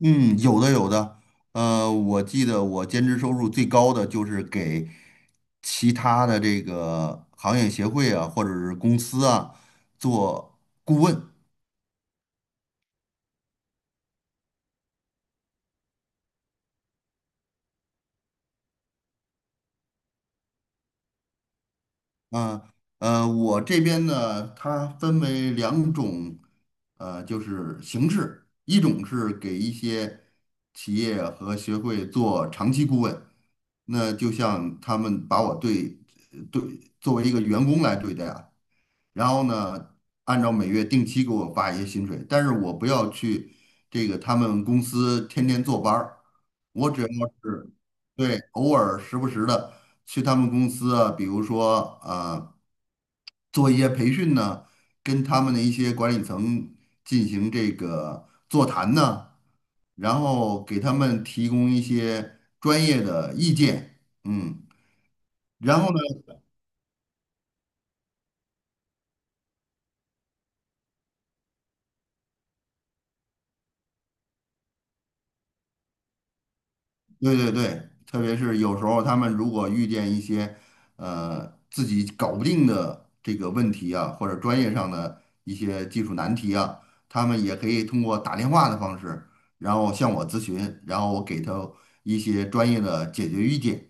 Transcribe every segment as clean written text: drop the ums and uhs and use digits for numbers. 嗯，有的有的，我记得我兼职收入最高的就是给其他的这个行业协会啊，或者是公司啊做顾问。我这边呢，它分为两种，就是形式，一种是给一些企业和协会做长期顾问，那就像他们把我对作为一个员工来对待啊，然后呢，按照每月定期给我发一些薪水，但是我不要去这个他们公司天天坐班儿，我只要是对偶尔时不时的去他们公司啊，比如说啊。做一些培训呢，跟他们的一些管理层进行这个座谈呢，然后给他们提供一些专业的意见，嗯，然后呢，对对对，特别是有时候他们如果遇见一些自己搞不定的这个问题啊，或者专业上的一些技术难题啊，他们也可以通过打电话的方式，然后向我咨询，然后我给他一些专业的解决意见。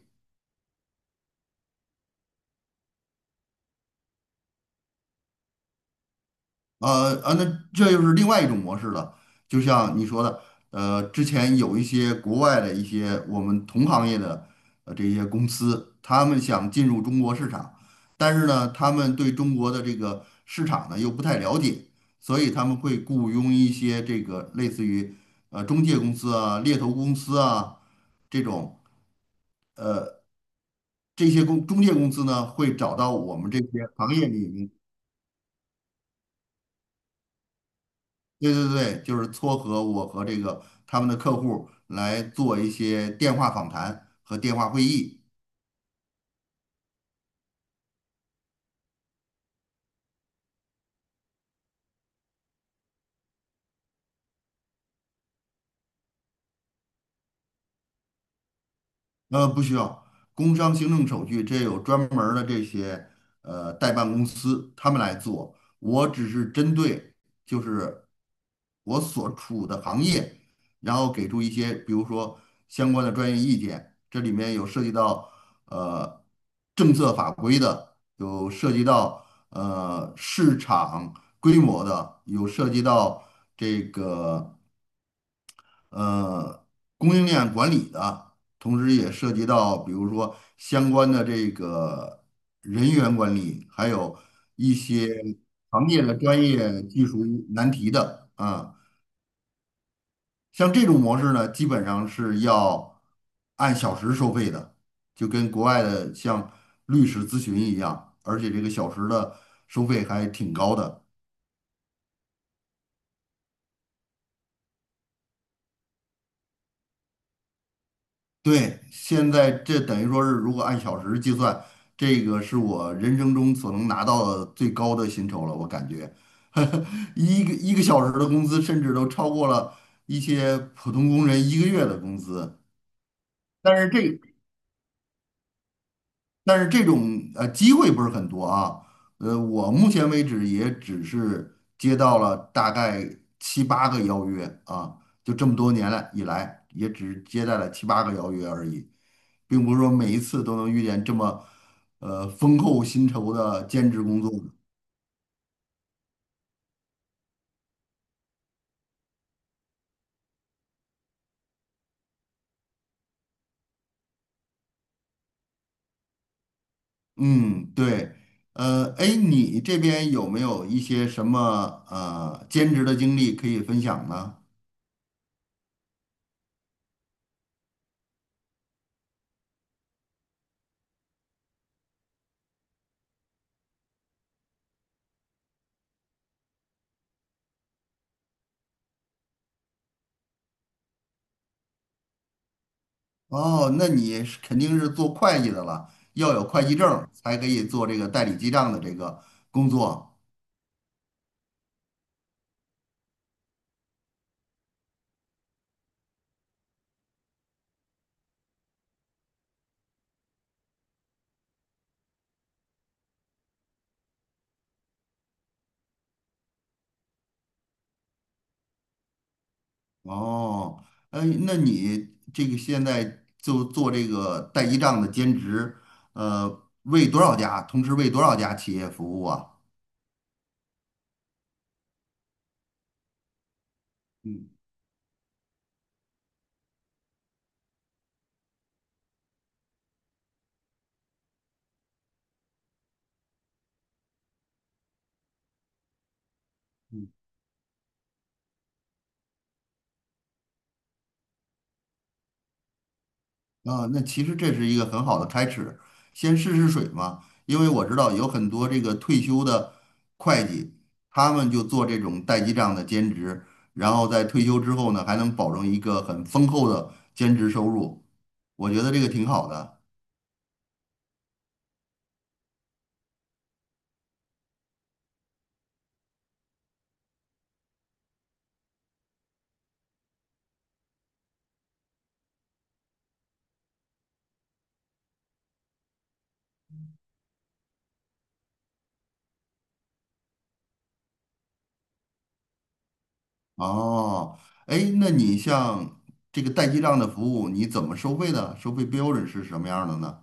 那这又是另外一种模式了。就像你说的，之前有一些国外的一些我们同行业的这些公司，他们想进入中国市场，但是呢，他们对中国的这个市场呢又不太了解，所以他们会雇佣一些这个类似于中介公司啊、猎头公司啊这种这些公中介公司呢，会找到我们这些行业里面。对对对，就是撮合我和这个他们的客户来做一些电话访谈和电话会议。不需要工商行政手续，这有专门儿的这些代办公司他们来做。我只是针对就是我所处的行业，然后给出一些比如说相关的专业意见。这里面有涉及到呃政策法规的，有涉及到市场规模的，有涉及到这个呃供应链管理的，同时也涉及到比如说相关的这个人员管理，还有一些行业的专业技术难题的啊。像这种模式呢，基本上是要按小时收费的，就跟国外的像律师咨询一样，而且这个小时的收费还挺高的。对，现在这等于说是，如果按小时计算，这个是我人生中所能拿到的最高的薪酬了。我感觉，一个小时的工资，甚至都超过了一些普通工人一个月的工资。但是这但是这种机会不是很多啊。我目前为止也只是接到了大概七八个邀约啊，就这么多年来以来，也只接待了七八个邀约而已。并不是说每一次都能遇见这么丰厚薪酬的兼职工作的。嗯，对，哎，你这边有没有一些什么兼职的经历可以分享呢？哦，那你是肯定是做会计的了，要有会计证儿才可以做这个代理记账的这个工作。哦，哎，那你这个现在就做这个代记账的兼职，为多少家，同时为多少家企业服务啊？嗯。嗯。啊，那其实这是一个很好的开始，先试试水嘛。因为我知道有很多这个退休的会计，他们就做这种代记账的兼职，然后在退休之后呢，还能保证一个很丰厚的兼职收入，我觉得这个挺好的。哦，哎，那你像这个代记账的服务，你怎么收费的？收费标准是什么样的呢？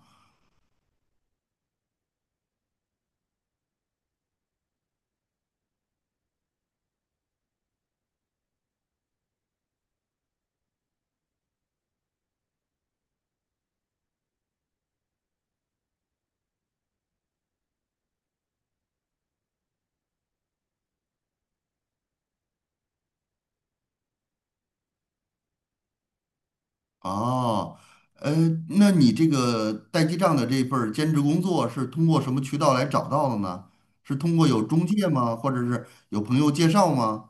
哦，呃，那你这个代记账的这份儿兼职工作是通过什么渠道来找到的呢？是通过有中介吗？或者是有朋友介绍吗？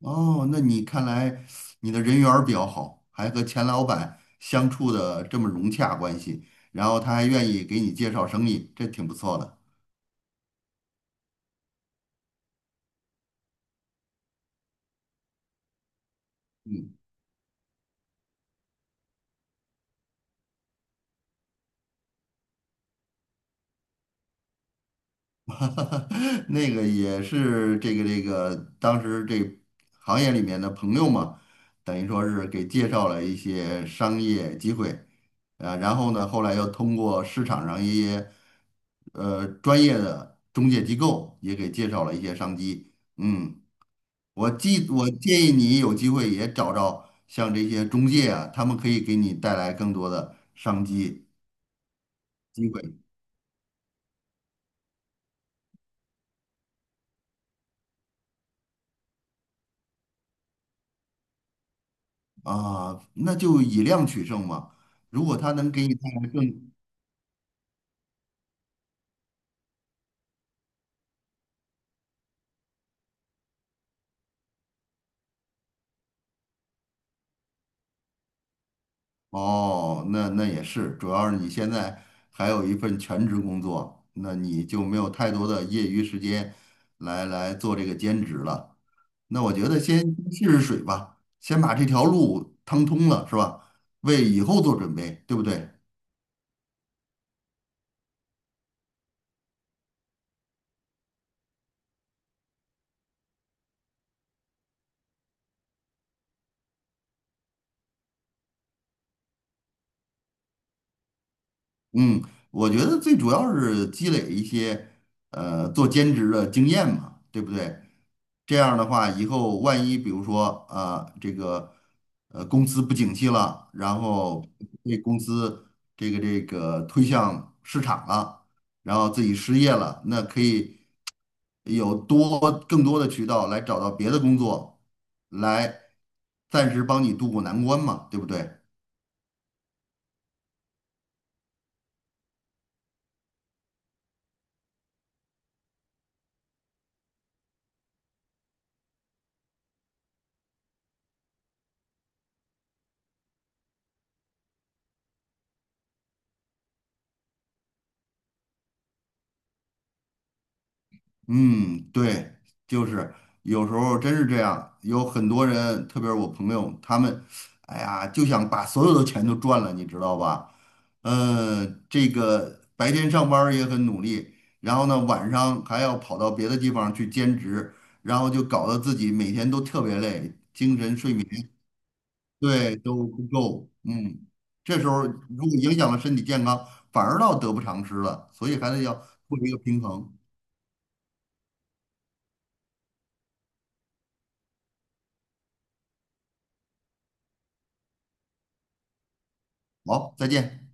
哦，那你看来你的人缘儿比较好，还和钱老板相处的这么融洽关系，然后他还愿意给你介绍生意，这挺不错的。嗯。那个也是这个，当时这行业里面的朋友嘛，等于说是给介绍了一些商业机会，啊，然后呢，后来又通过市场上一些专业的中介机构也给介绍了一些商机。嗯，我建议你有机会也找找像这些中介啊，他们可以给你带来更多的商机机会。啊，那就以量取胜嘛。如果他能给你带来更，哦，那那也是，主要是你现在还有一份全职工作，那你就没有太多的业余时间来做这个兼职了。那我觉得先试试水吧，先把这条路趟通了，是吧？为以后做准备，对不对？嗯，我觉得最主要是积累一些做兼职的经验嘛，对不对？这样的话，以后万一比如说公司不景气了，然后被公司推向市场了，然后自己失业了，那可以有多更多的渠道来找到别的工作，来暂时帮你渡过难关嘛，对不对？嗯，对，就是有时候真是这样，有很多人，特别是我朋友，他们，哎呀，就想把所有的钱都赚了，你知道吧？嗯，这个白天上班儿也很努力，然后呢，晚上还要跑到别的地方去兼职，然后就搞得自己每天都特别累，精神睡眠对都不够，嗯，这时候如果影响了身体健康，反而倒得不偿失了，所以还是要做一个平衡。好，再见。